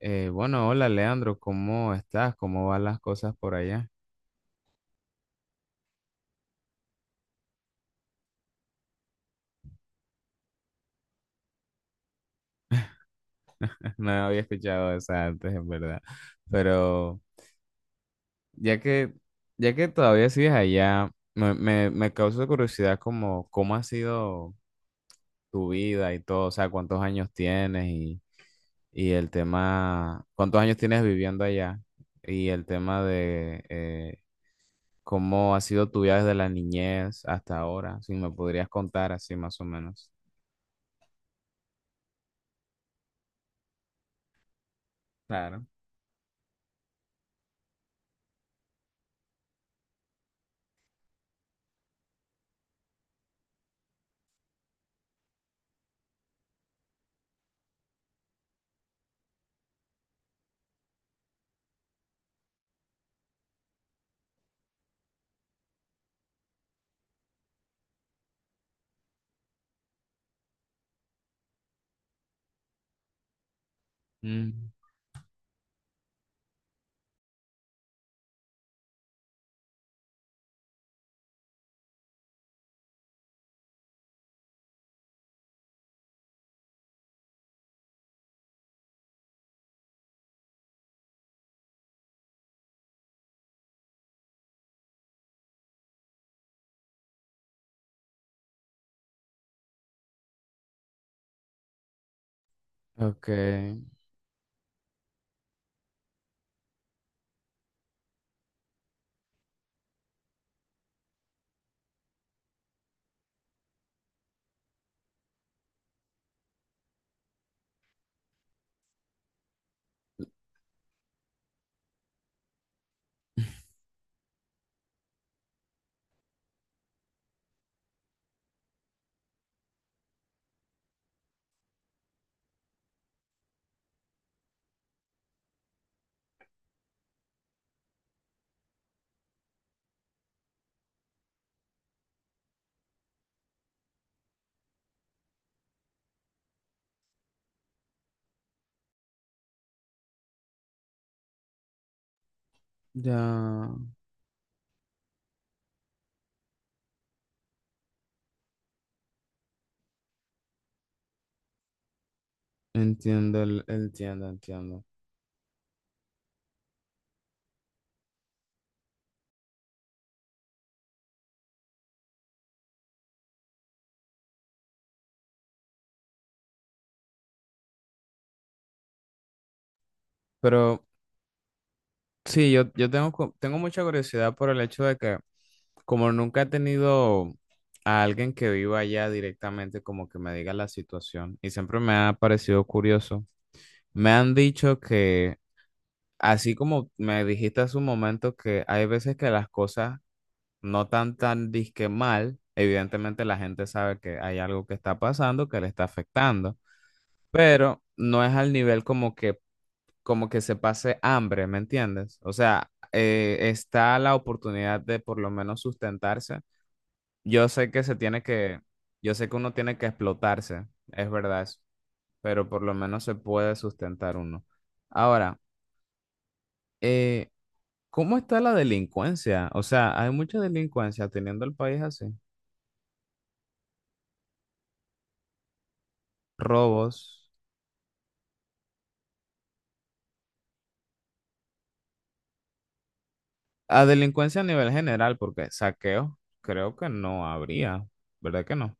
Bueno, hola Leandro, ¿cómo estás? ¿Cómo van las cosas por allá? No había escuchado esa antes, en verdad. Pero ya que, ya que todavía sigues allá, me causa curiosidad como cómo ha sido tu vida y todo, o sea, cuántos años tienes y el tema, cuántos años tienes viviendo allá y el tema de cómo ha sido tu vida desde la niñez hasta ahora, si me podrías contar así más o menos. Claro. Ok, ya entiendo, entiendo, entiendo. Pero sí, yo tengo, tengo mucha curiosidad por el hecho de que como nunca he tenido a alguien que viva allá directamente, como que me diga la situación, y siempre me ha parecido curioso. Me han dicho que, así como me dijiste hace un momento, que hay veces que las cosas no tan tan disque mal, evidentemente la gente sabe que hay algo que está pasando que le está afectando. Pero no es al nivel como que se pase hambre, ¿me entiendes? O sea, está la oportunidad de por lo menos sustentarse. Yo sé que se tiene que, yo sé que uno tiene que explotarse, es verdad eso, pero por lo menos se puede sustentar uno. Ahora, eh, ¿cómo está la delincuencia? O sea, hay mucha delincuencia teniendo el país así, robos, a delincuencia a nivel general, porque saqueo, creo que no habría, ¿verdad que no?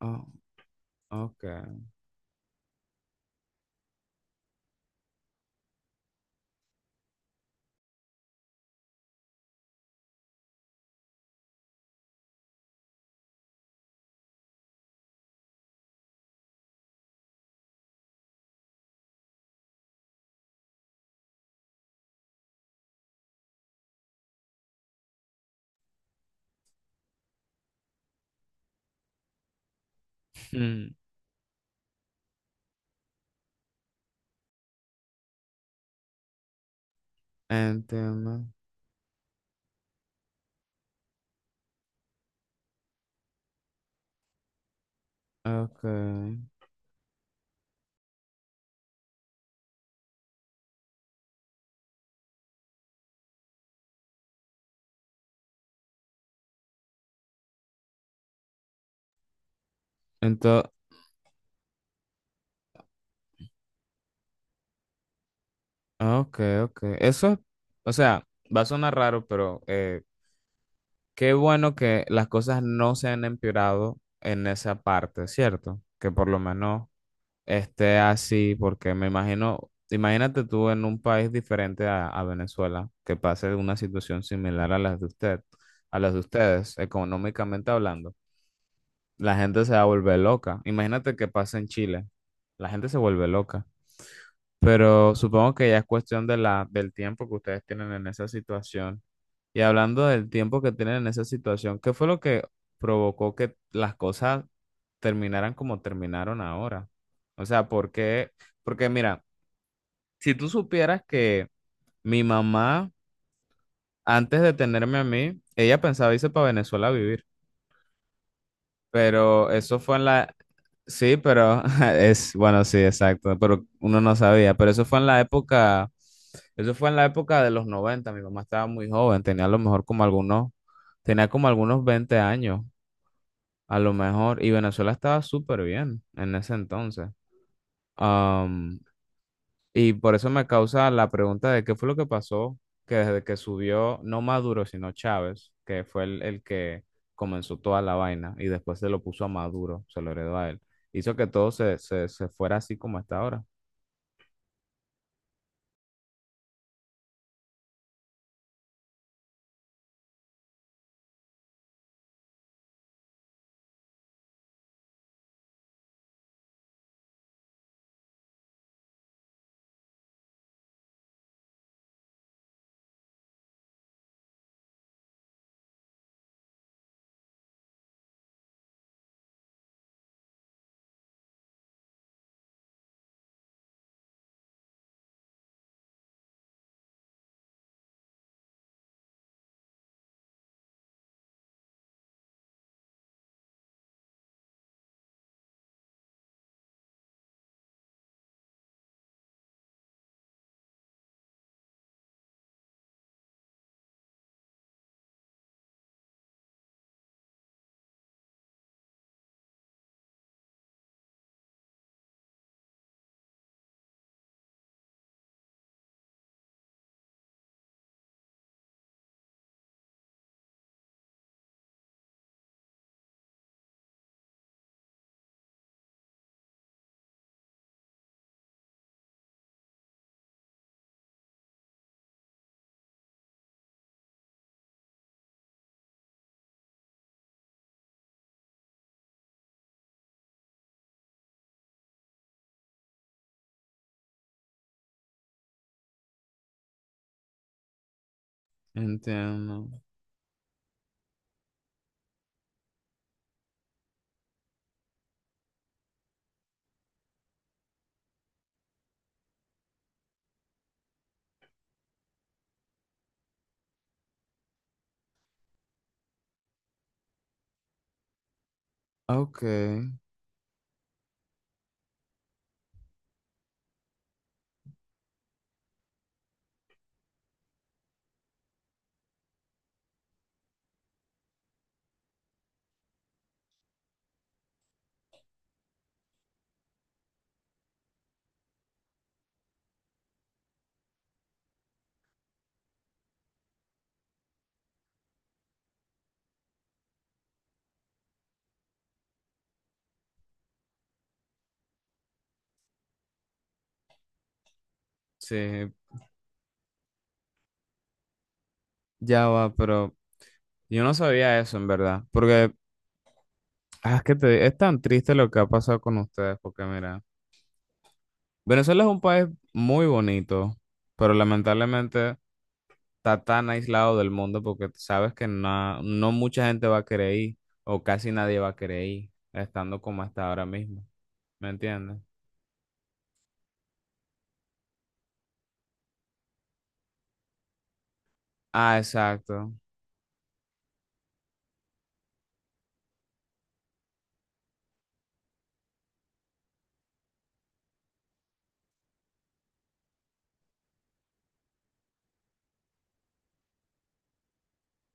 Ah, okay. Mm, entiendo. Okay. Entonces, okay, okay. Eso es, o sea, va a sonar raro, pero qué bueno que las cosas no se han empeorado en esa parte, ¿cierto? Que por lo menos esté así, porque me imagino, imagínate tú en un país diferente a Venezuela, que pase una situación similar a las de usted, a las de ustedes, económicamente hablando. La gente se va a volver loca. Imagínate que pasa en Chile, la gente se vuelve loca. Pero supongo que ya es cuestión de la, del tiempo que ustedes tienen en esa situación. Y hablando del tiempo que tienen en esa situación, ¿qué fue lo que provocó que las cosas terminaran como terminaron ahora? O sea, ¿por qué? Porque mira, si tú supieras que mi mamá, antes de tenerme a mí, ella pensaba irse para Venezuela a vivir. Pero eso fue en la... Sí, pero es, bueno, sí, exacto, pero uno no sabía, pero eso fue en la época de los noventa. Mi mamá estaba muy joven, tenía como algunos 20 años, a lo mejor, y Venezuela estaba súper bien en ese entonces. Am, y por eso me causa la pregunta de qué fue lo que pasó, que desde que subió no Maduro, sino Chávez, que fue el que comenzó toda la vaina y después se lo puso a Maduro, se lo heredó a él, hizo que todo se fuera así como está ahora. Entiendo. Ok, sí, ya va, pero yo no sabía eso en verdad, porque ah, es que es tan triste lo que ha pasado con ustedes, porque mira, Venezuela es un país muy bonito, pero lamentablemente... está tan aislado del mundo porque sabes que no, no mucha gente va a querer ir o casi nadie va a querer ir estando como hasta ahora mismo. ¿Me entiendes? Ah, exacto.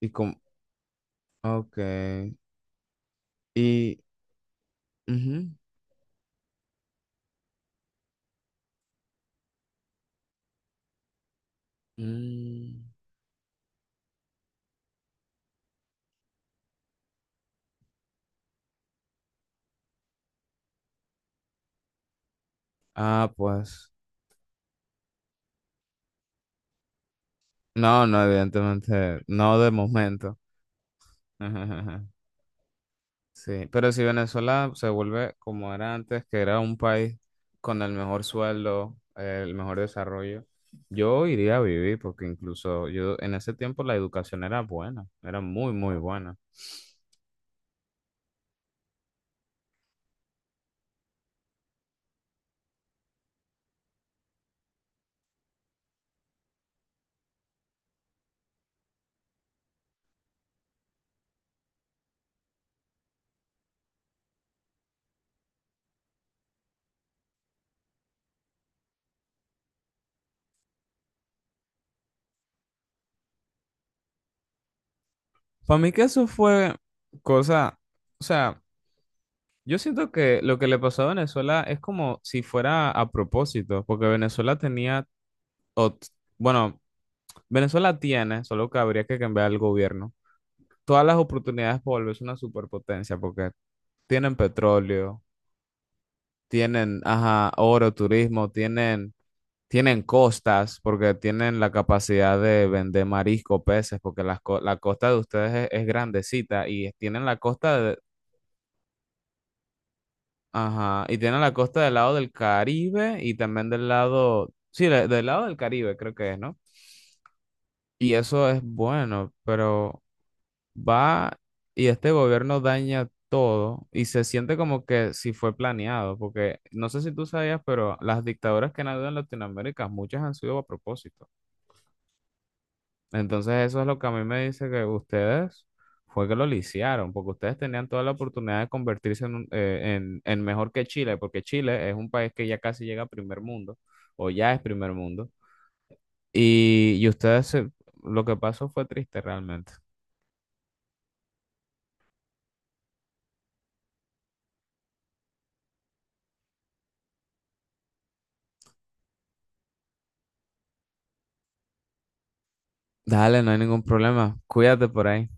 Y como, ok. Y, ujú. Mm. Ah, pues, no, no, evidentemente, no de momento. Sí, pero si Venezuela se vuelve como era antes, que era un país con el mejor sueldo, el mejor desarrollo, yo iría a vivir porque incluso yo en ese tiempo la educación era buena, era muy, muy buena. Para mí que eso fue cosa, o sea, yo siento que lo que le pasó a Venezuela es como si fuera a propósito, porque Venezuela tenía, o- t- bueno, Venezuela tiene, solo que habría que cambiar el gobierno, todas las oportunidades para volverse una superpotencia, porque tienen petróleo, tienen, ajá, oro, turismo, tienen, tienen costas porque tienen la capacidad de vender marisco, peces, porque la costa de ustedes es grandecita y tienen la costa de, ajá, y tienen la costa del lado del Caribe y también del lado, sí, del lado del Caribe creo que es, ¿no? Y eso es bueno, pero... va y este gobierno daña todo y se siente como que si fue planeado, porque no sé si tú sabías, pero las dictaduras que han habido en Latinoamérica, muchas han sido a propósito. Entonces eso es lo que a mí me dice que ustedes fue que lo lisiaron, porque ustedes tenían toda la oportunidad de convertirse en mejor que Chile, porque Chile es un país que ya casi llega a primer mundo, o ya es primer mundo, y ustedes, lo que pasó fue triste realmente. Dale, no hay ningún problema. Cuídate por ahí.